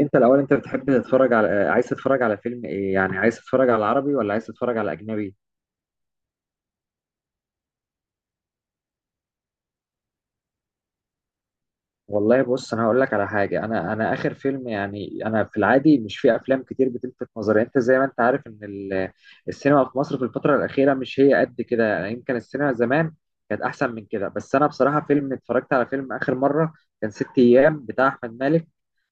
انت الاول، انت بتحب تتفرج على عايز تتفرج على فيلم ايه؟ يعني عايز تتفرج على عربي ولا عايز تتفرج على اجنبي؟ والله بص، انا هقول لك على حاجه. انا اخر فيلم، يعني انا في العادي مش في افلام كتير بتلفت نظري. انت زي ما انت عارف ان السينما في مصر في الفتره الاخيره مش هي قد كده، يعني يمكن السينما زمان كانت احسن من كده. بس انا بصراحه فيلم اتفرجت على فيلم اخر مره كان ست ايام بتاع احمد مالك.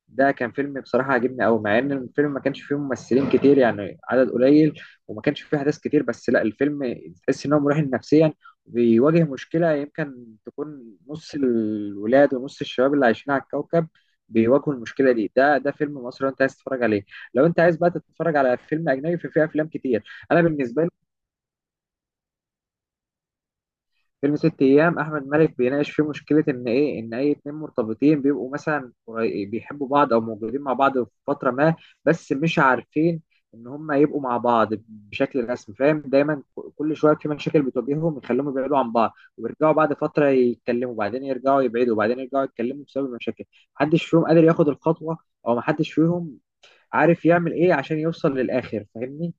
ده كان فيلم بصراحة عجبني أوي، مع إن الفيلم ما كانش فيه ممثلين كتير، يعني عدد قليل، وما كانش فيه أحداث كتير، بس لا الفيلم تحس إن هو مريح نفسيا. بيواجه مشكلة يمكن تكون نص الولاد ونص الشباب اللي عايشين على الكوكب بيواجهوا المشكلة دي. ده فيلم مصري أنت عايز تتفرج عليه. لو أنت عايز بقى تتفرج على فيلم أجنبي ففي أفلام كتير. أنا بالنسبة فيلم ست ايام احمد مالك بيناقش فيه مشكله، ان ايه، ان اي اتنين مرتبطين بيبقوا مثلا بيحبوا بعض او موجودين مع بعض في فتره ما، بس مش عارفين ان هم يبقوا مع بعض بشكل رسمي. فاهم؟ دايما كل شويه في مشاكل بتواجههم يخليهم يبعدوا عن بعض ويرجعوا بعد فتره يتكلموا، وبعدين يرجعوا يبعدوا، وبعدين يرجعوا يتكلموا بسبب المشاكل. محدش فيهم قادر ياخد الخطوه، او محدش فيهم عارف يعمل ايه عشان يوصل للاخر. فاهمني؟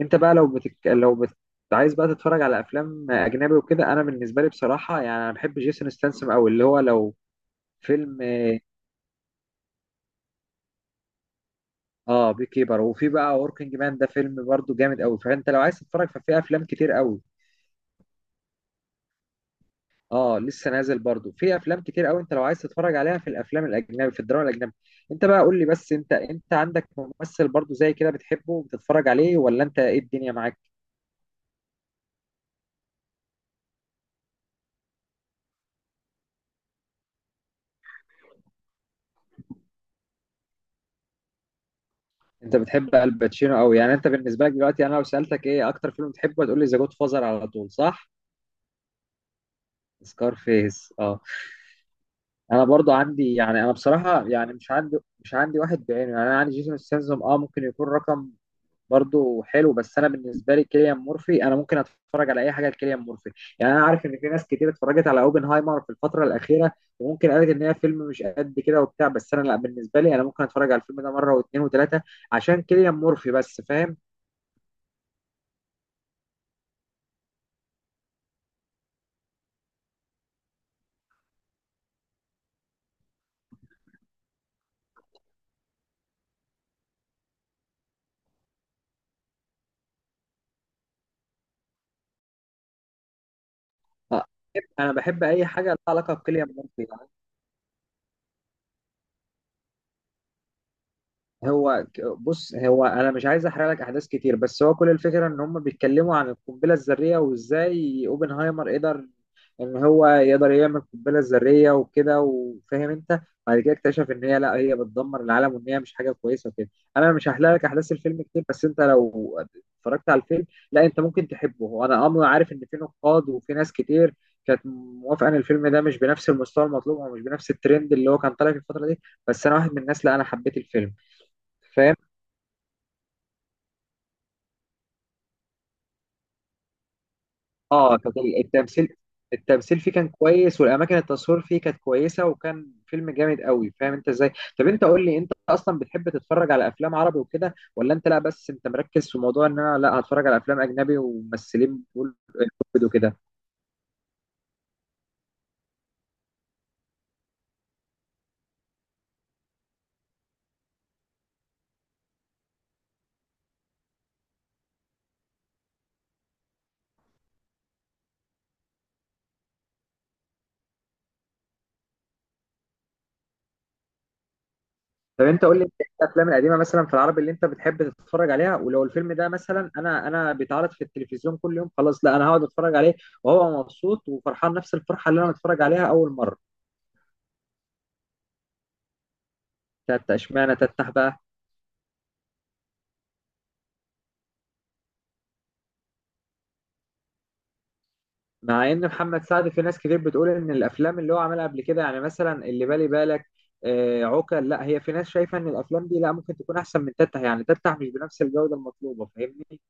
انت بقى لو بتك... لو بت... عايز بقى تتفرج على افلام اجنبي وكده، انا بالنسبه لي بصراحه يعني انا بحب جيسون ستانسم قوي، اللي هو لو فيلم. اه، بي كيبر، وفي بقى وركينج مان. ده فيلم برضو جامد قوي، فانت لو عايز تتفرج ففي افلام كتير قوي. اه لسه نازل، برضو في افلام كتير قوي انت لو عايز تتفرج عليها، في الافلام الاجنبي، في الدراما الاجنبي. انت بقى قول لي، بس انت عندك ممثل برضو زي كده بتحبه وبتتفرج عليه، ولا انت ايه الدنيا معاك؟ انت بتحب الباتشينو قوي، يعني انت بالنسبه لك دلوقتي انا لو سالتك ايه اكتر فيلم بتحبه هتقول لي ذا جود فازر على طول، صح؟ سكار فيس، اه. انا برضو عندي، يعني انا بصراحه يعني مش عندي واحد بعينه. يعني انا عندي جيسون ستاثام، اه، ممكن يكون رقم. برضو حلو، بس انا بالنسبه لي كيليان مورفي، انا ممكن اتفرج على اي حاجه لكيليان مورفي. يعني انا عارف ان في ناس كتير اتفرجت على اوبنهايمر في الفتره الاخيره، وممكن قالت ان هي فيلم مش قد كده وبتاع، بس انا لا، بالنسبه لي انا ممكن اتفرج على الفيلم ده مره واثنين وثلاثه عشان كيليان مورفي بس. فاهم؟ انا بحب اي حاجه لها علاقه بكيليان مورفي. هو بص، هو انا مش عايز احرق لك احداث كتير، بس هو كل الفكره ان هم بيتكلموا عن القنبله الذريه وازاي اوبنهايمر قدر ان هو يقدر يعمل القنبله الذريه وكده، وفاهم انت، بعد كده اكتشف ان هي لا، هي بتدمر العالم وان هي مش حاجه كويسه وكده. انا مش هحرق لك احداث الفيلم كتير، بس انت لو اتفرجت على الفيلم لا انت ممكن تحبه. وانا امر عارف ان في نقاد وفي ناس كتير كانت موافقه ان الفيلم ده مش بنفس المستوى المطلوب، او مش بنفس الترند اللي هو كان طالع في الفتره دي، بس انا واحد من الناس لا، انا حبيت الفيلم. فاهم؟ اه، كانت التمثيل فيه كان كويس، والاماكن التصوير فيه كانت كويسه، وكان فيلم جامد قوي. فاهم انت ازاي؟ طب انت قول لي، انت اصلا بتحب تتفرج على افلام عربي وكده، ولا انت لا بس انت مركز في موضوع ان انا لا هتفرج على افلام اجنبي وممثلين بوليوود وكده؟ طب انت قول لي انت إيه الافلام القديمه مثلا في العربي اللي انت بتحب تتفرج عليها؟ ولو الفيلم ده مثلا انا، بيتعرض في التلفزيون كل يوم خلاص، لا انا هقعد اتفرج عليه وهو مبسوط وفرحان نفس الفرحه اللي انا متفرج عليها اول مره. تتة؟ اشمعنى تتح بقى؟ مع ان محمد سعد في ناس كتير بتقول ان الافلام اللي هو عملها قبل كده، يعني مثلا اللي بالي بالك، عوكل، لا هي في ناس شايفه ان الافلام دي لا ممكن تكون احسن من تتح، يعني تتح مش بنفس الجوده المطلوبه. فاهمني؟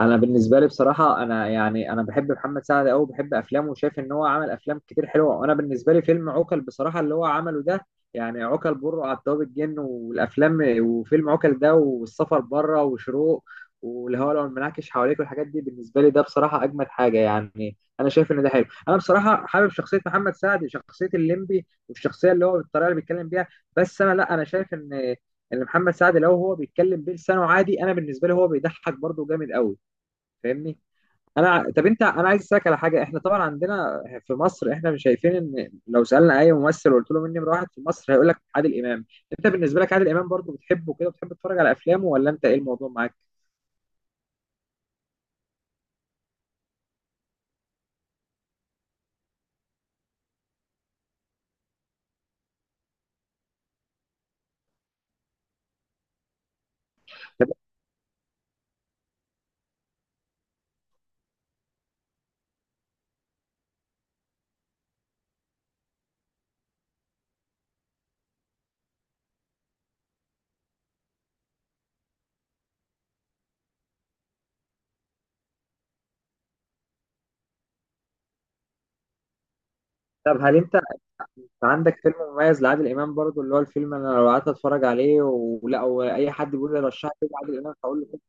انا بالنسبه لي بصراحه انا يعني انا بحب محمد سعد قوي، بحب افلامه وشايف ان هو عمل افلام كتير حلوه. وانا بالنسبه لي فيلم عوكل بصراحه اللي هو عمله ده، يعني عوكل، بره على الطياب الجن والافلام، وفيلم عوكل ده، والسفر بره، وشروق، والهواء لو المنعكش حواليك، والحاجات دي بالنسبه لي ده بصراحه اجمد حاجه. يعني انا شايف ان ده حلو. انا بصراحه حابب شخصيه محمد سعد، شخصيه الليمبي والشخصيه اللي هو بالطريقه اللي بيتكلم بيها. بس انا لا، انا شايف ان محمد سعد لو هو بيتكلم بلسانه عادي انا بالنسبه لي هو بيضحك برضه جامد قوي. فاهمني؟ انا طب انت، انا عايز اسالك على حاجه. احنا طبعا عندنا في مصر احنا مش شايفين، ان لو سالنا اي ممثل وقلت له مين نمره واحد في مصر هيقول لك عادل امام. انت بالنسبه لك عادل امام برضو بتحبه كده، بتحب تتفرج على افلامه، ولا انت ايه الموضوع معاك؟ طب طب هل انت عندك فيلم مميز لعادل امام برضو، اللي هو الفيلم انا لو قعدت اتفرج عليه، ولا او اي حد بيقول لي رشح لي عادل امام هقول له؟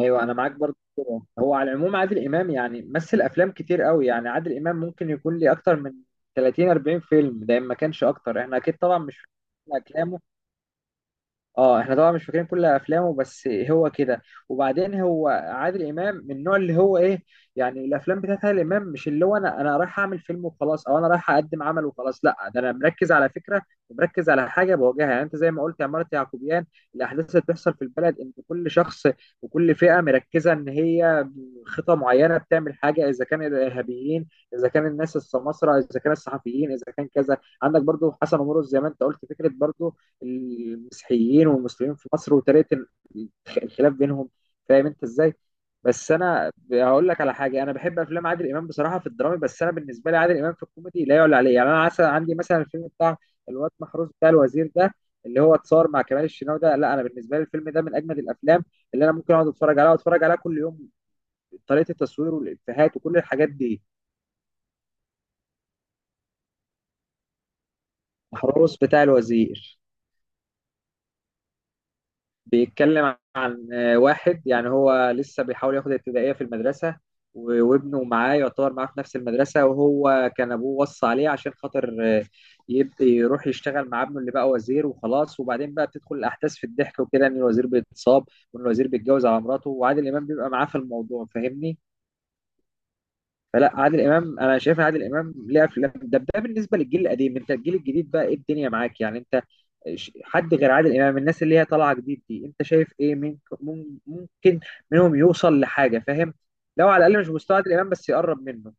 ايوه، انا معاك برضه كده. هو على العموم عادل امام يعني مثل افلام كتير قوي. يعني عادل امام ممكن يكون ليه اكتر من 30 40 فيلم، ده إن ما كانش اكتر، احنا اكيد طبعا مش فاكرين افلامه. اه احنا طبعا مش فاكرين كل افلامه بس هو كده. وبعدين هو عادل امام من النوع اللي هو ايه؟ يعني الافلام بتاعت عادل امام مش اللي هو انا، رايح اعمل فيلم وخلاص، او انا رايح اقدم عمل وخلاص، لا، ده انا مركز على فكره ومركز على حاجه بواجهها. يعني انت زي ما قلت عماره يعقوبيان، الاحداث اللي بتحصل في البلد ان كل شخص وكل فئه مركزه ان هي خطه معينه بتعمل حاجه، اذا كان الارهابيين، اذا كان الناس السماسره، اذا كان الصحفيين، اذا كان كذا. عندك برضو حسن ومرقص زي ما انت قلت، فكره برضو المسيحيين والمسلمين في مصر وطريقه الخلاف بينهم. فاهم انت ازاي؟ بس انا هقول لك على حاجه، انا بحب افلام عادل امام بصراحه في الدرامي، بس انا بالنسبه لي عادل امام في الكوميدي لا يعلى عليه. يعني انا عسل عندي مثلا الفيلم بتاع الواد محروس بتاع الوزير ده، اللي هو اتصور مع كمال الشناوي ده، لا انا بالنسبه لي الفيلم ده من اجمد الافلام اللي انا ممكن اقعد اتفرج عليها واتفرج عليها كل يوم. طريقه التصوير والافيهات وكل الحاجات دي. محروس بتاع الوزير بيتكلم، واحد يعني هو لسه بيحاول ياخد ابتدائية في المدرسة، وابنه معاه يعتبر معاه في نفس المدرسة، وهو كان أبوه وصى عليه عشان خاطر يبدأ يروح يشتغل مع ابنه اللي بقى وزير وخلاص. وبعدين بقى بتدخل الأحداث في الضحك وكده إن الوزير بيتصاب، وإن الوزير بيتجوز على مراته، وعادل إمام بيبقى معاه في الموضوع. فاهمني؟ فلا عادل امام انا شايف ان عادل امام ليه افلام. ده بالنسبه للجيل القديم، انت الجيل الجديد بقى ايه الدنيا معاك؟ يعني انت حد غير عادل امام، الناس اللي هي طالعه جديد دي، انت شايف ايه، ممكن منهم يوصل لحاجه؟ فاهم؟ لو على الاقل مش مستوى عادل امام بس يقرب منه.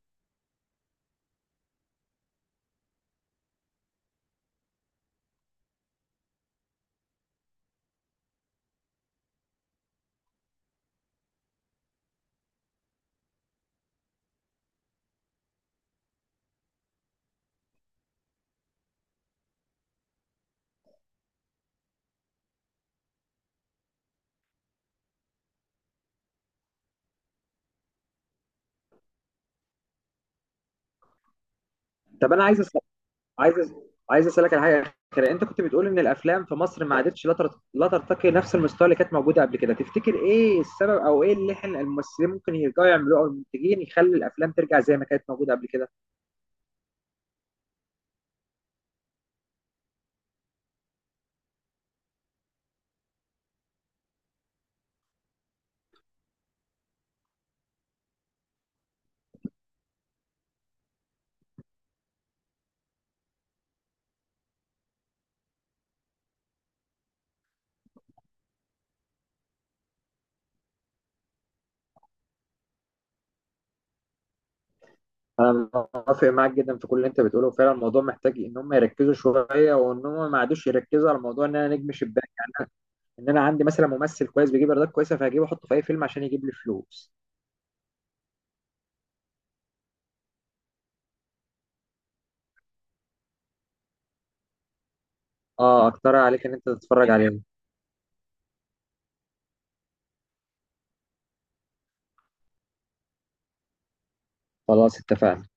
طب انا عايز أسأل عايز اسالك على حاجه اخيره. انت كنت بتقول ان الافلام في مصر ما عادتش لا ترتقي نفس المستوى اللي كانت موجوده قبل كده. تفتكر ايه السبب، او ايه اللي احنا الممثلين ممكن يرجعوا يعملوه او المنتجين يخلي الافلام ترجع زي ما كانت موجوده قبل كده؟ انا موافق معاك جدا في كل اللي انت بتقوله. فعلا الموضوع محتاج ان هم يركزوا شويه، وان هم ما عادوش يركزوا على موضوع ان انا نجم شباك، ان انا عندي مثلا ممثل كويس بيجيب ايرادات كويسه فهجيبه احطه في اي فيلم عشان يجيب لي فلوس. اه، اقترح عليك ان انت تتفرج عليه. خلاص اتفقنا.